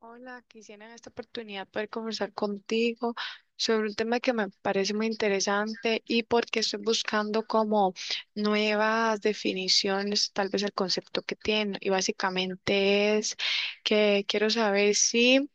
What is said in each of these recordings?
Hola, quisiera en esta oportunidad poder conversar contigo sobre un tema que me parece muy interesante y porque estoy buscando como nuevas definiciones, tal vez el concepto que tiene. Y básicamente es que quiero saber si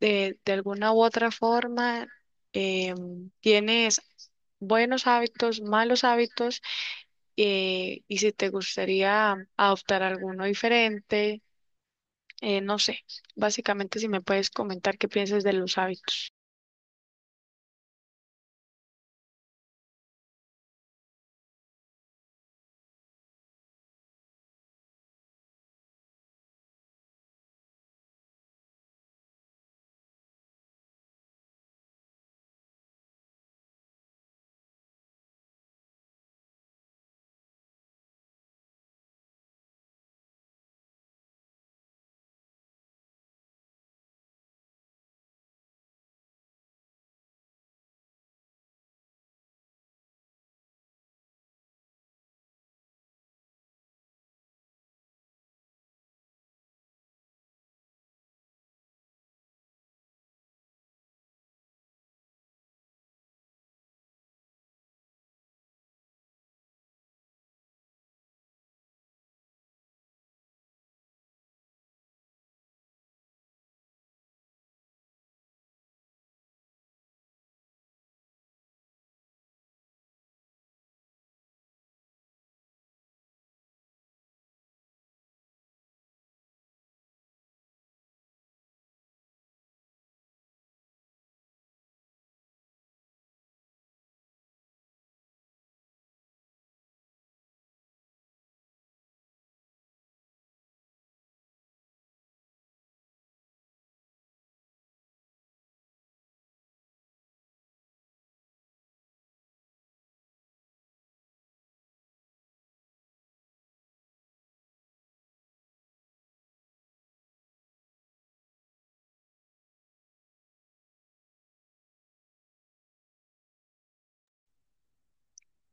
de alguna u otra forma tienes buenos hábitos, malos hábitos, y si te gustaría adoptar alguno diferente. No sé, básicamente si me puedes comentar qué piensas de los hábitos.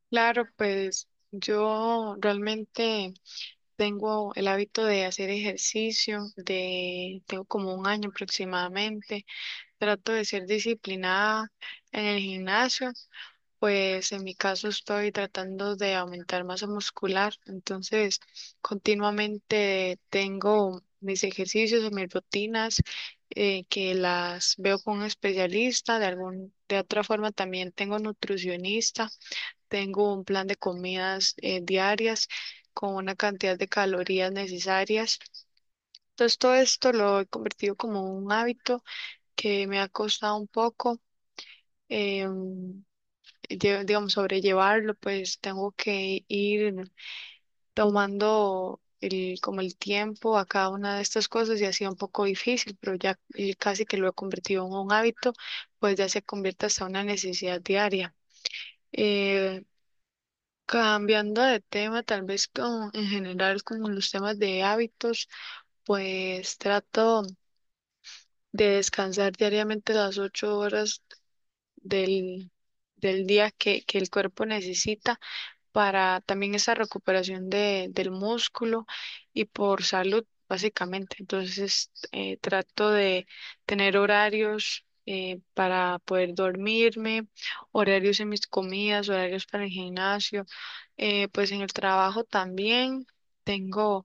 Claro, pues yo realmente tengo el hábito de hacer ejercicio, de tengo como un año aproximadamente. Trato de ser disciplinada en el gimnasio. Pues en mi caso estoy tratando de aumentar masa muscular, entonces continuamente tengo mis ejercicios o mis rutinas, que las veo con un especialista, de algún, de otra forma también tengo nutricionista, tengo un plan de comidas diarias con una cantidad de calorías necesarias. Entonces todo esto lo he convertido como un hábito que me ha costado un poco. em, digamos, sobrellevarlo, pues tengo que ir tomando el, como el tiempo a cada una de estas cosas y ha sido un poco difícil, pero ya, casi que lo he convertido en un hábito, pues ya se convierte hasta una necesidad diaria. Eh, Cambiando de tema, tal vez con, en general con los temas de hábitos, pues trato de descansar diariamente las ocho horas del, del día que el cuerpo necesita para también esa recuperación del músculo y por salud, básicamente. Entonces, trato de tener horarios, para poder dormirme, horarios en mis comidas, horarios para el gimnasio, pues en el trabajo también. Tengo,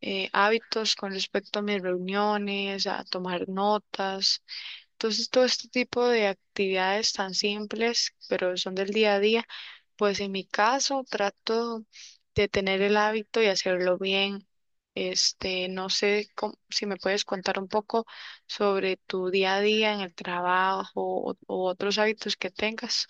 hábitos con respecto a mis reuniones, a tomar notas. Entonces, todo este tipo de actividades tan simples, pero son del día a día, pues en mi caso trato de tener el hábito y hacerlo bien. Este, no sé cómo- si me puedes contar un poco sobre tu día a día en el trabajo o otros hábitos que tengas.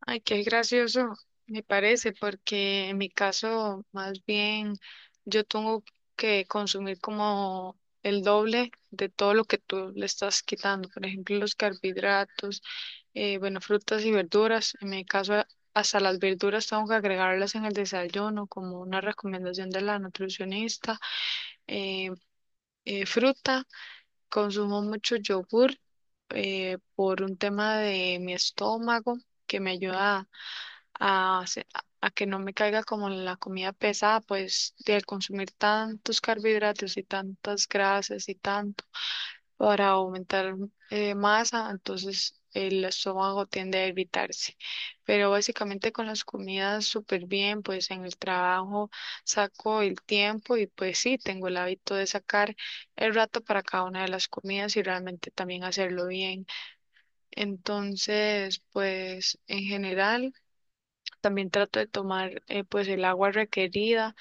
Ay, qué gracioso, me parece, porque en mi caso, más bien, yo tengo que consumir como el doble de todo lo que tú le estás quitando. Por ejemplo, los carbohidratos, bueno, frutas y verduras. En mi caso, a- hasta las verduras tengo que agregarlas en el desayuno, como una recomendación de la nutricionista. Eh, Fruta, consumo mucho yogur, por un tema de mi estómago que me ayuda a, se- a que no me caiga como la comida pesada, pues de consumir tantos carbohidratos y tantas grasas y tanto para aumentar masa, entonces el estómago tiende a irritarse. Pero básicamente con las comidas súper bien, pues en el trabajo saco el tiempo y pues sí, tengo el hábito de sacar el rato para cada una de las comidas y realmente también hacerlo bien. Entonces, pues en general, también trato de tomar, pues el agua requerida.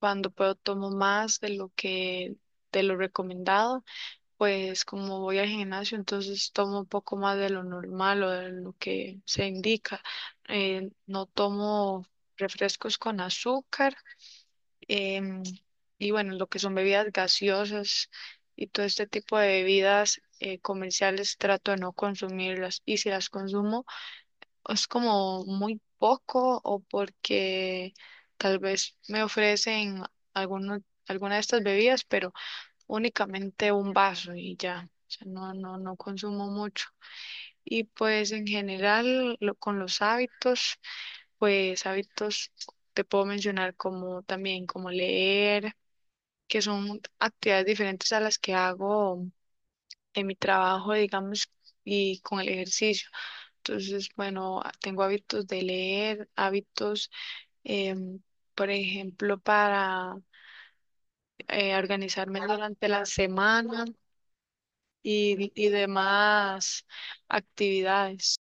Cuando puedo tomo más de lo que de lo recomendado, pues como voy al gimnasio, entonces tomo un poco más de lo normal o de lo que se indica. No tomo refrescos con azúcar em, y bueno, lo que son bebidas gaseosas y todo este tipo de bebidas, comerciales, trato de no consumirlas y si las consumo es como muy poco o porque tal vez me ofrecen alguno, alguna de estas bebidas, pero únicamente un vaso y ya. O sea, no, no, no consumo mucho. Y pues en general lo- con los hábitos, pues hábitos te puedo mencionar como también como leer, que son actividades diferentes a las que hago en mi trabajo, digamos, y con el ejercicio. Entonces, bueno, a- tengo hábitos de leer, hábitos, em, por ejemplo, para organizarme durante la semana y demás actividades.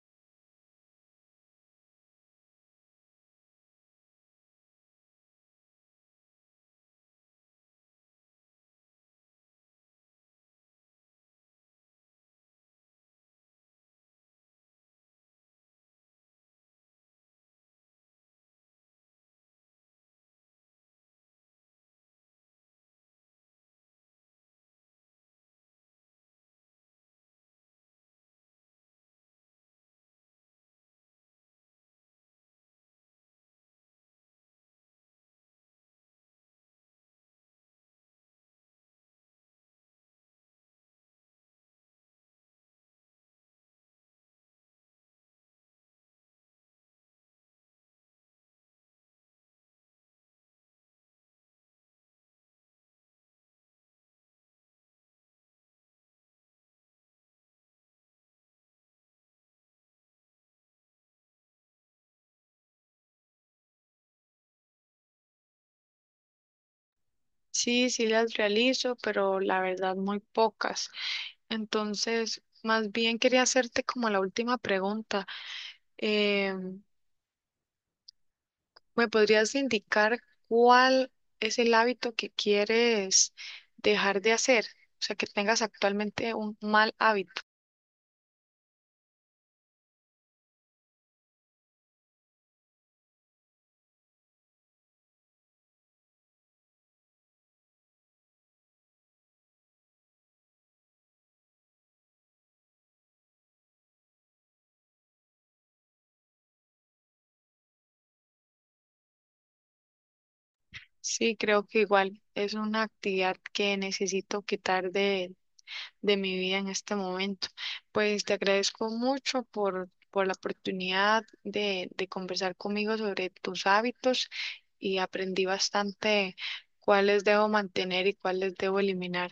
Sí, sí las realizo, pero la verdad muy pocas. Entonces, más bien quería hacerte como la última pregunta. Em, ¿Me podrías indicar cuál es el hábito que quieres dejar de hacer? O sea, que tengas actualmente un mal hábito. Sí, creo que igual es una actividad que necesito quitar de mi vida en este momento. Pues te agradezco mucho por la oportunidad de conversar conmigo sobre tus hábitos y aprendí bastante cuáles debo mantener y cuáles debo eliminar.